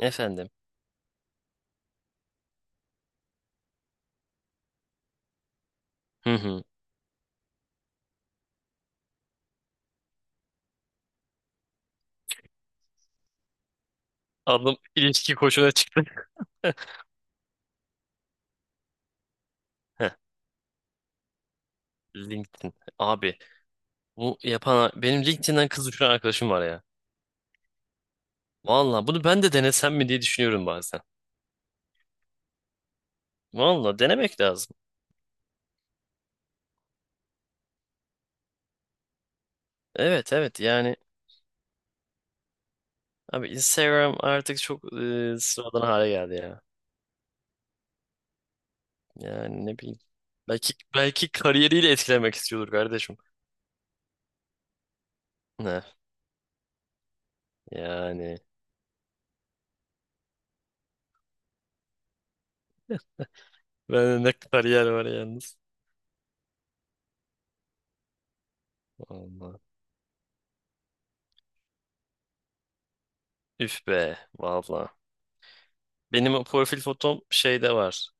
Efendim. Hı hı. Ablam ilişki koçuna çıktı. Heh, LinkedIn. Abi bu yapan benim LinkedIn'den kız düşüren arkadaşım var ya. Valla bunu ben de denesem mi diye düşünüyorum bazen. Valla denemek lazım. Evet yani abi Instagram artık çok sıradan hale geldi ya. Yani ne bileyim. Belki kariyeriyle etkilemek istiyordur kardeşim. Ne yani. Bende ne kariyer var yalnız. Valla. Üf be valla. Benim o profil fotom şeyde var.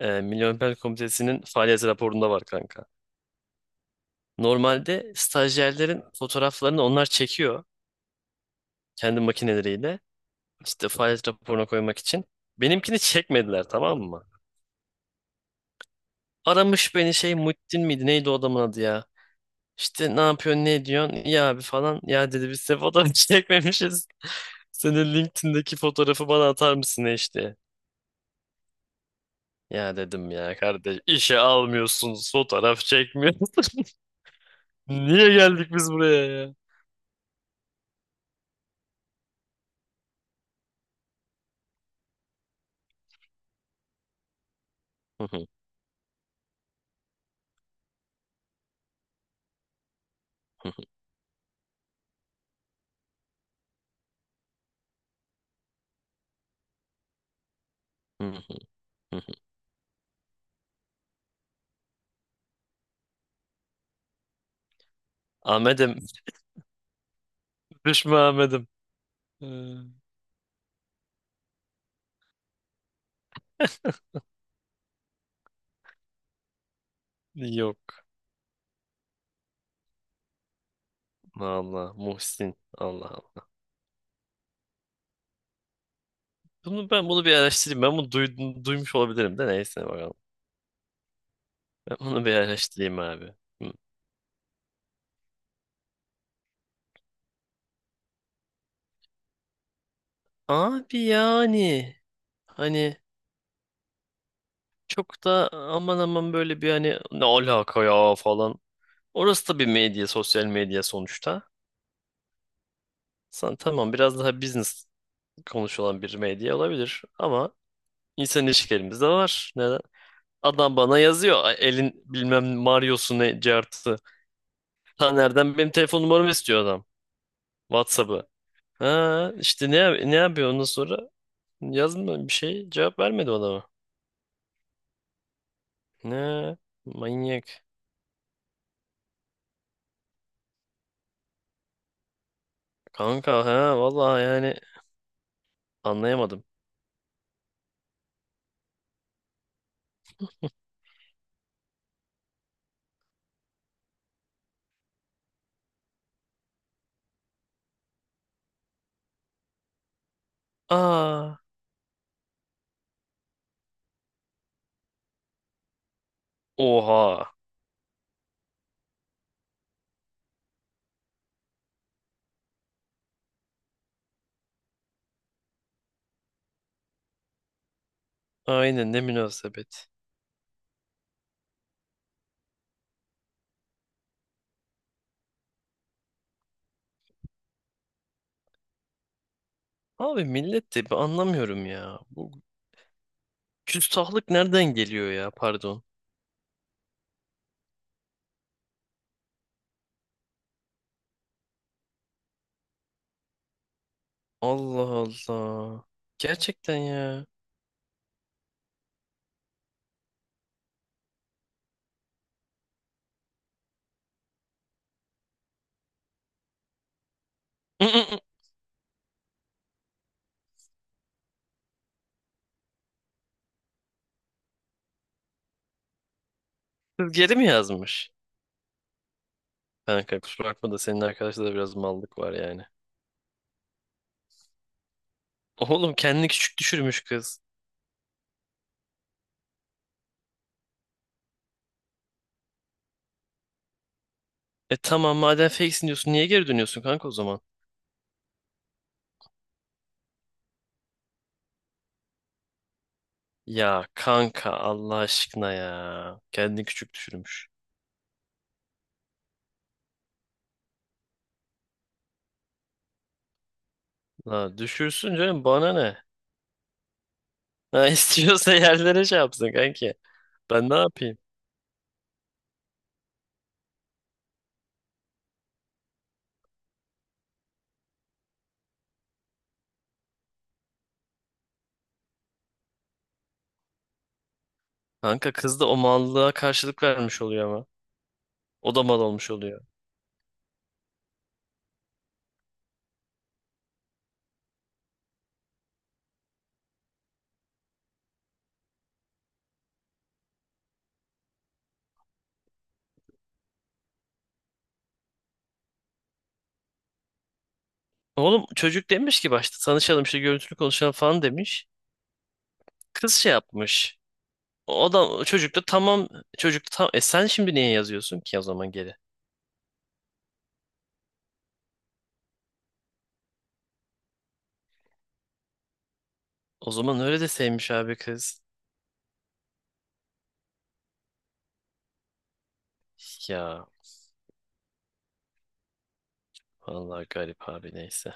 Milli Olimpiyat Komitesi'nin faaliyet raporunda var kanka. Normalde stajyerlerin fotoğraflarını onlar çekiyor kendi makineleriyle. İşte faaliyet raporuna koymak için. Benimkini çekmediler, tamam mı? Aramış beni şey, Muhittin miydi neydi o adamın adı ya? İşte ne yapıyorsun ne ediyorsun ya abi falan. Ya dedi biz size fotoğraf çekmemişiz. Senin LinkedIn'deki fotoğrafı bana atar mısın işte? Ya dedim ya kardeş, işe almıyorsunuz, fotoğraf çekmiyorsunuz. Niye geldik biz buraya ya? Hı hı. Hı hı hı. Ahmet'im. Düşme Ahmet'im. Ee, yok. Allah, Muhsin. Allah Allah. Bunu bir araştırayım. Ben bunu duydum, duymuş olabilirim de neyse bakalım. Ben bunu bir araştırayım abi. Hı. Abi yani hani çok da aman aman böyle bir hani ne alaka ya falan. Orası da bir medya, sosyal medya sonuçta. Sen tamam biraz daha business konuşulan bir medya olabilir ama insan ilişkilerimiz de var. Neden? Adam bana yazıyor. Elin bilmem Mario'su ne cartı. Taner'den benim telefon numaramı istiyor adam. WhatsApp'ı. Ha işte ne yapıyor ondan sonra? Yazmıyor bir şey. Cevap vermedi o adama. Ne? Manyak. Kanka ha vallahi yani anlayamadım. Aa oha. Aynen, ne münasebet. Abi millet de ben anlamıyorum ya. Bu küstahlık nereden geliyor ya, pardon. Allah Allah. Gerçekten ya. Kız geri mi yazmış? Kanka kusura bakma da senin arkadaşta da biraz mallık var yani. Oğlum, kendini küçük düşürmüş kız. E tamam, madem fakesin diyorsun niye geri dönüyorsun kanka o zaman? Ya kanka Allah aşkına ya. Kendini küçük düşürmüş. La düşürsün canım, bana ne? Ha istiyorsa yerlere şey yapsın kanki. Ben ne yapayım? Kanka kız da o mallığa karşılık vermiş oluyor ama. O da mal olmuş oluyor. Oğlum çocuk demiş ki başta tanışalım işte görüntülü konuşalım falan demiş. Kız şey yapmış. O da çocuk da tam e sen şimdi niye yazıyorsun ki o zaman geri? O zaman öyle de sevmiş abi kız. Ya vallahi garip abi, neyse.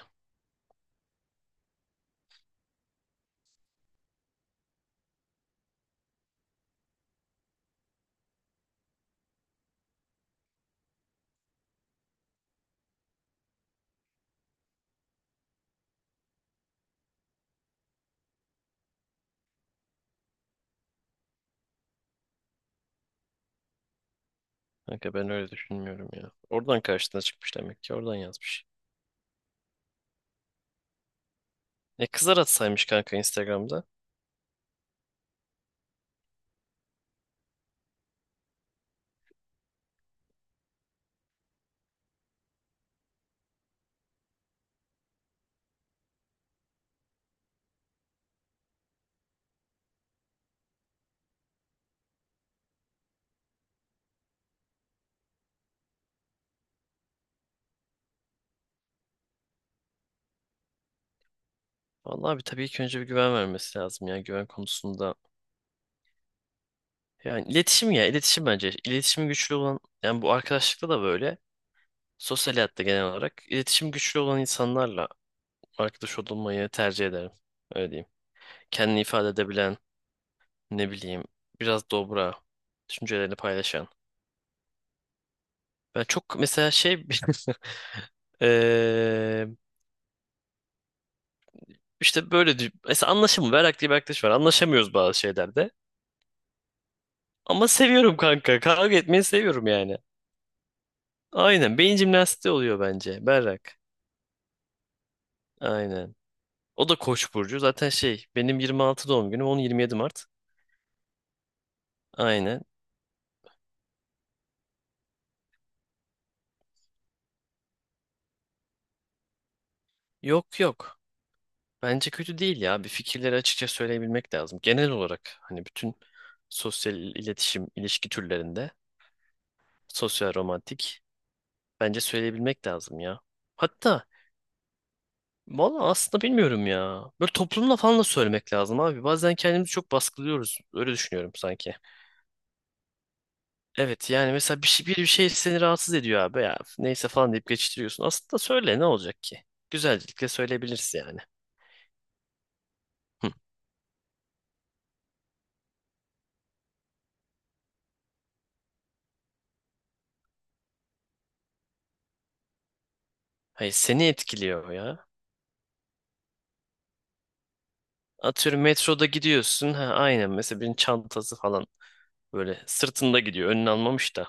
Kanka ben öyle düşünmüyorum ya. Oradan karşısına çıkmış demek ki, oradan yazmış. E kızlar atsaymış kanka Instagram'da. Vallahi bir tabii ilk önce bir güven vermesi lazım ya, güven konusunda. Yani iletişim, ya iletişim bence. İletişimi güçlü olan, yani bu arkadaşlıkta da böyle. Sosyal hayatta genel olarak iletişim güçlü olan insanlarla arkadaş olmayı tercih ederim. Öyle diyeyim. Kendini ifade edebilen, ne bileyim, biraz dobra, düşüncelerini paylaşan. Ben çok mesela şey eee, işte böyle mesela anlaşım Berrak diye bir arkadaş var. Anlaşamıyoruz bazı şeylerde. Ama seviyorum kanka. Kavga etmeyi seviyorum yani. Aynen. Beyin jimnastiği oluyor bence. Berrak. Aynen. O da Koç burcu. Zaten şey benim 26 doğum günüm. Onun 27 Mart. Aynen. Yok yok. Bence kötü değil ya. Bir fikirleri açıkça söyleyebilmek lazım. Genel olarak hani bütün sosyal iletişim, ilişki türlerinde, sosyal romantik, bence söyleyebilmek lazım ya. Hatta valla aslında bilmiyorum ya. Böyle toplumla falan da söylemek lazım abi. Bazen kendimizi çok baskılıyoruz. Öyle düşünüyorum sanki. Evet yani mesela bir şey seni rahatsız ediyor abi ya. Neyse falan deyip geçiştiriyorsun. Aslında söyle, ne olacak ki? Güzellikle söyleyebilirsin yani. Hı. Hayır, seni etkiliyor ya. Atıyorum metroda gidiyorsun. Ha, aynen mesela birinin çantası falan böyle sırtında gidiyor. Önünü almamış da.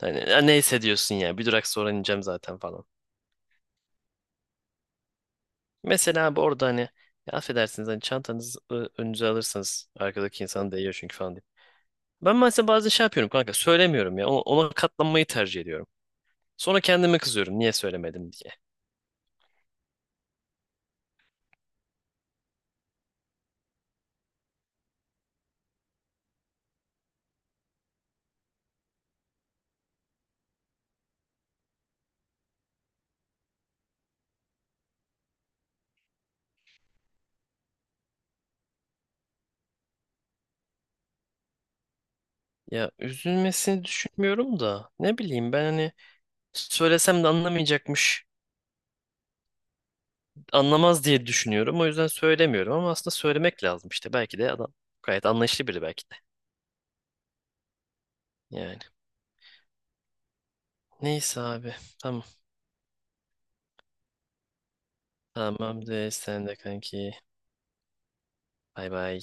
Hani "ya neyse" diyorsun ya, bir durak sonra ineceğim zaten falan. Mesela abi orada hani ya affedersiniz hani çantanızı önünüze alırsanız arkadaki insan değiyor çünkü falan diye. Ben mesela bazen şey yapıyorum kanka, söylemiyorum ya, ona katlanmayı tercih ediyorum. Sonra kendime kızıyorum niye söylemedim diye. Ya üzülmesini düşünmüyorum da ne bileyim ben hani, söylesem de anlamayacakmış. Anlamaz diye düşünüyorum. O yüzden söylemiyorum ama aslında söylemek lazım işte. Belki de adam gayet anlayışlı biri, belki de. Yani. Neyse abi. Tamam. Tamam abi. Sen de kanki. Bay bay.